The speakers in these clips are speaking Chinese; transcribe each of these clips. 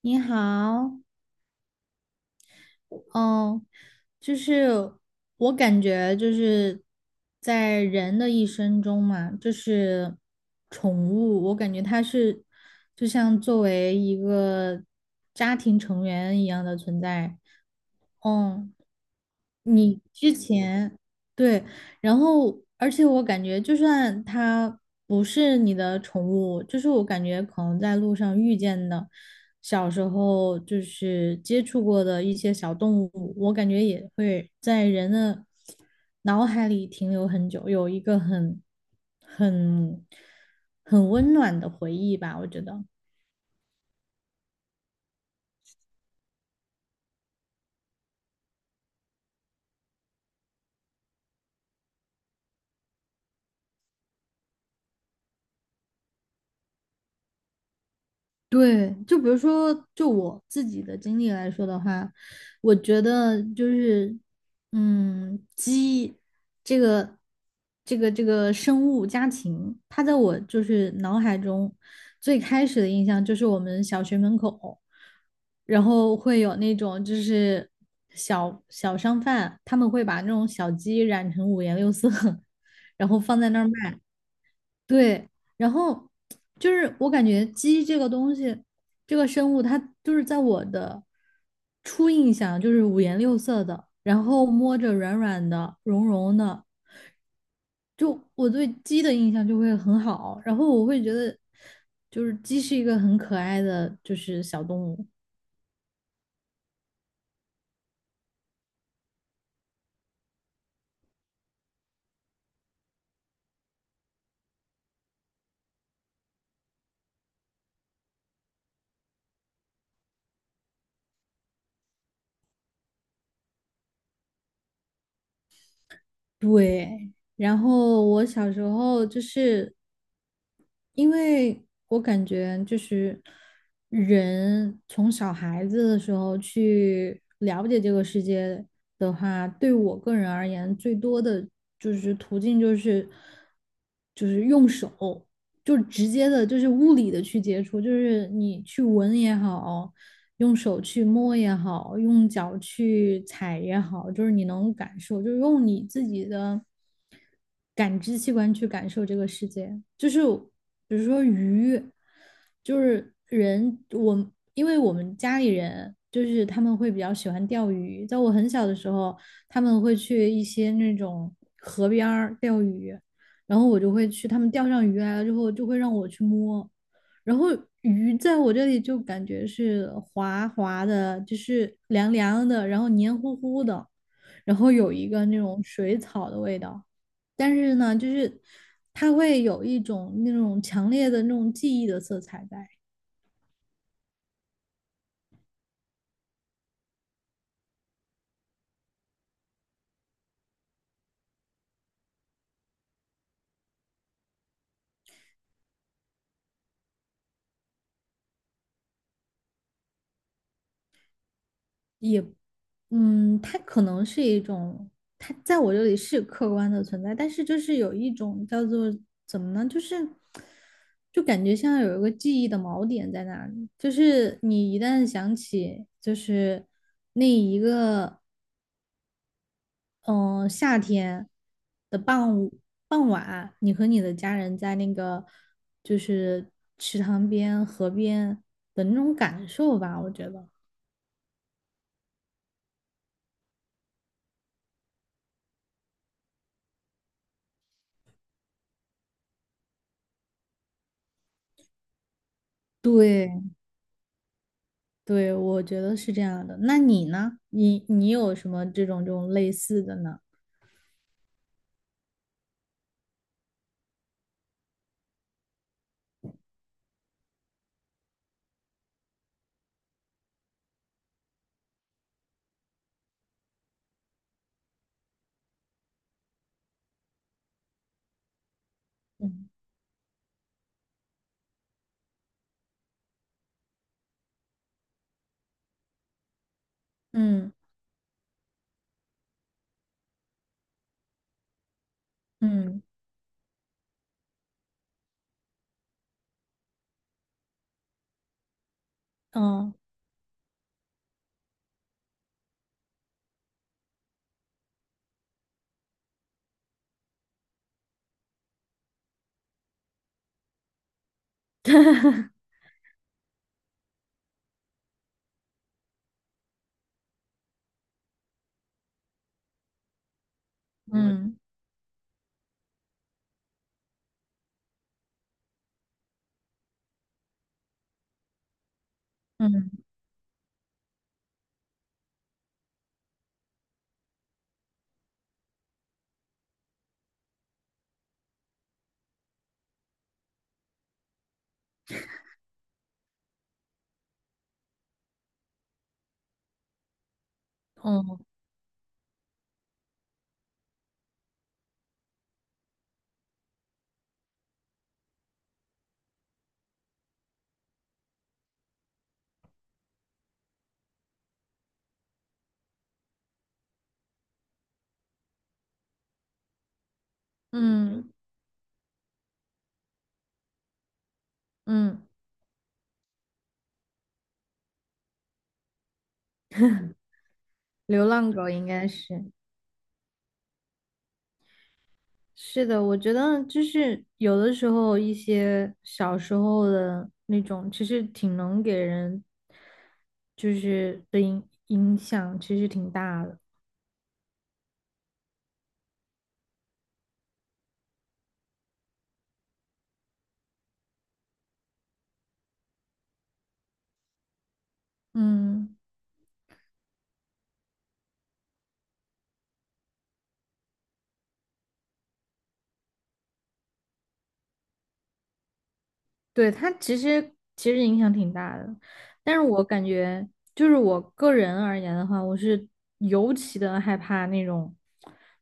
你好。嗯，就是我感觉在人的一生中嘛，宠物，我感觉它是就像作为一个家庭成员一样的存在。嗯，你之前对，然后而且我感觉，就算它不是你的宠物，就是我感觉可能在路上遇见的，小时候就是接触过的一些小动物，我感觉也会在人的脑海里停留很久，有一个很很很温暖的回忆吧，我觉得。对，就比如说，就我自己的经历来说的话，我觉得鸡这个这个生物家禽，它在我就是脑海中最开始的印象就是我们小学门口，然后会有那种就是小小商贩，他们会把那种小鸡染成五颜六色，然后放在那儿卖。对，然后就是我感觉鸡这个东西，这个生物，它就是在我的初印象就是五颜六色的，然后摸着软软的、绒绒的，就我对鸡的印象就会很好，然后我会觉得就是鸡是一个很可爱的就是小动物。对，然后我小时候就是因为我感觉就是人从小孩子的时候去了解这个世界的话，对我个人而言，最多的就是途径就是用手，就直接的，就是物理的去接触，就是你去闻也好，用手去摸也好，用脚去踩也好，就是你能感受，就是用你自己的。感知器官去感受这个世界。就是比如说鱼，就是人，因为我们家里人就是他们会比较喜欢钓鱼，在我很小的时候，他们会去一些那种河边钓鱼，然后我就会去，他们钓上鱼来了之后，就会让我去摸。然后鱼在我这里就感觉是滑滑的，就是凉凉的，然后黏糊糊的，然后有一个那种水草的味道。但是呢，就是它会有一种那种强烈的那种记忆的色彩在，也，嗯，它可能是一种，它在我这里是客观的存在，但是就是有一种叫做怎么呢，就是就感觉像有一个记忆的锚点在那里，就是你一旦想起，就是夏天的傍晚，你和你的家人在那个就是池塘边、河边的那种感受吧，我觉得。对对，我觉得是这样的。那你呢？你有什么这种类似的呢？嗯嗯嗯嗯嗯嗯嗯嗯嗯，流浪狗应该是。是的，我觉得就是有的时候一些小时候的那种，其实挺能给人就是的影响，其实挺大的。嗯。对，它其实影响挺大的，但是我感觉就是我个人而言的话，我是尤其的害怕那种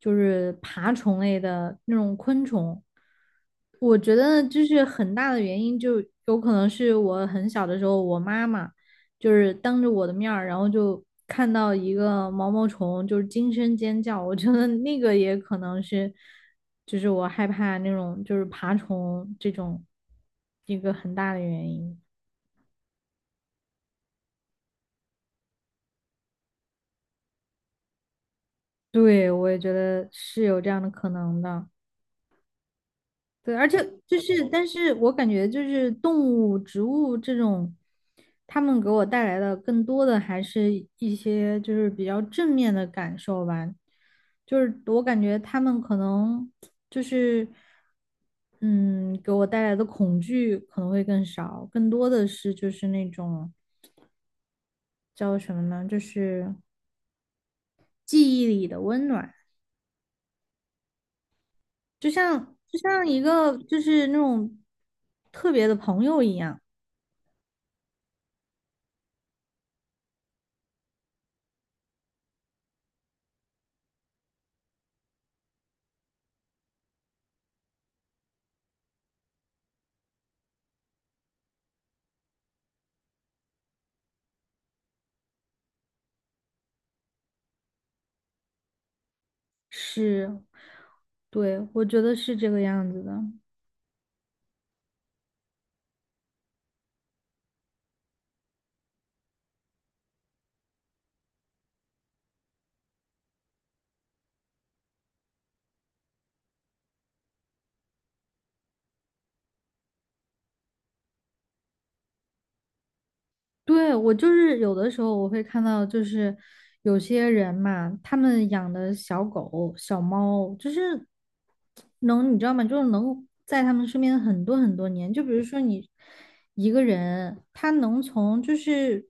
就是爬虫类的那种昆虫。我觉得就是很大的原因，就有可能是我很小的时候，我妈妈。就是当着我的面儿，然后就看到一个毛毛虫，就是惊声尖叫。我觉得那个也可能是，就是我害怕那种就是爬虫这种一个很大的原因。对，我也觉得是有这样的可能的。对，而且就是，但是我感觉就是动物、植物这种，它们给我带来的更多的还是一些就是比较正面的感受吧。就是我感觉他们可能就是，嗯，给我带来的恐惧可能会更少，更多的是就是那种叫什么呢？就是记忆里的温暖，就像一个就是那种特别的朋友一样。是，对，我觉得是这个样子的。对，我就是有的时候我会看到，就是有些人嘛，他们养的小狗、小猫，就是能，你知道吗？就是能在他们身边很多很多年。就比如说你一个人，他能从就是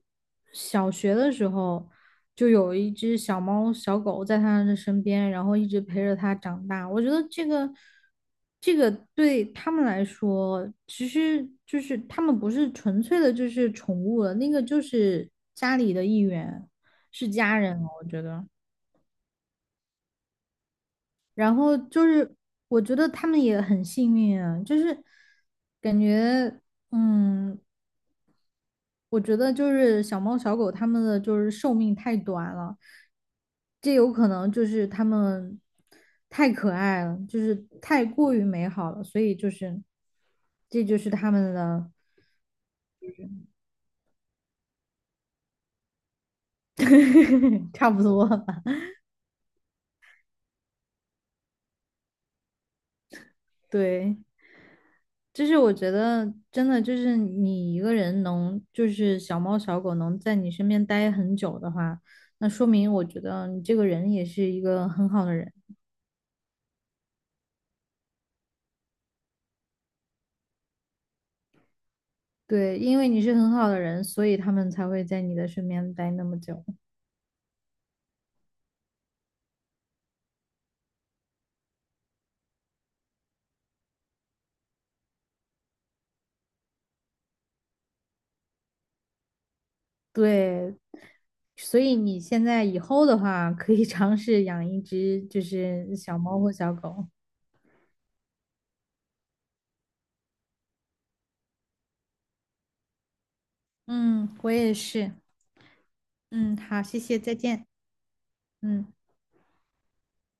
小学的时候就有一只小猫、小狗在他的身边，然后一直陪着他长大。我觉得这个。这个对他们来说，其实就是他们不是纯粹的，就是宠物了，那个就是家里的一员，是家人了，我觉得。然后就是，我觉得他们也很幸运啊，就是感觉，嗯，我觉得就是小猫小狗它们的就是寿命太短了，这有可能就是他们太可爱了，就是太过于美好了，所以就是这就是他们的。差不多吧。对，就是我觉得真的就是你一个人能，就是小猫小狗能在你身边待很久的话，那说明我觉得你这个人也是一个很好的人。对，因为你是很好的人，所以他们才会在你的身边待那么久。对，所以你现在以后的话，可以尝试养一只就是小猫或小狗。嗯，我也是。嗯，好，谢谢，再见。嗯。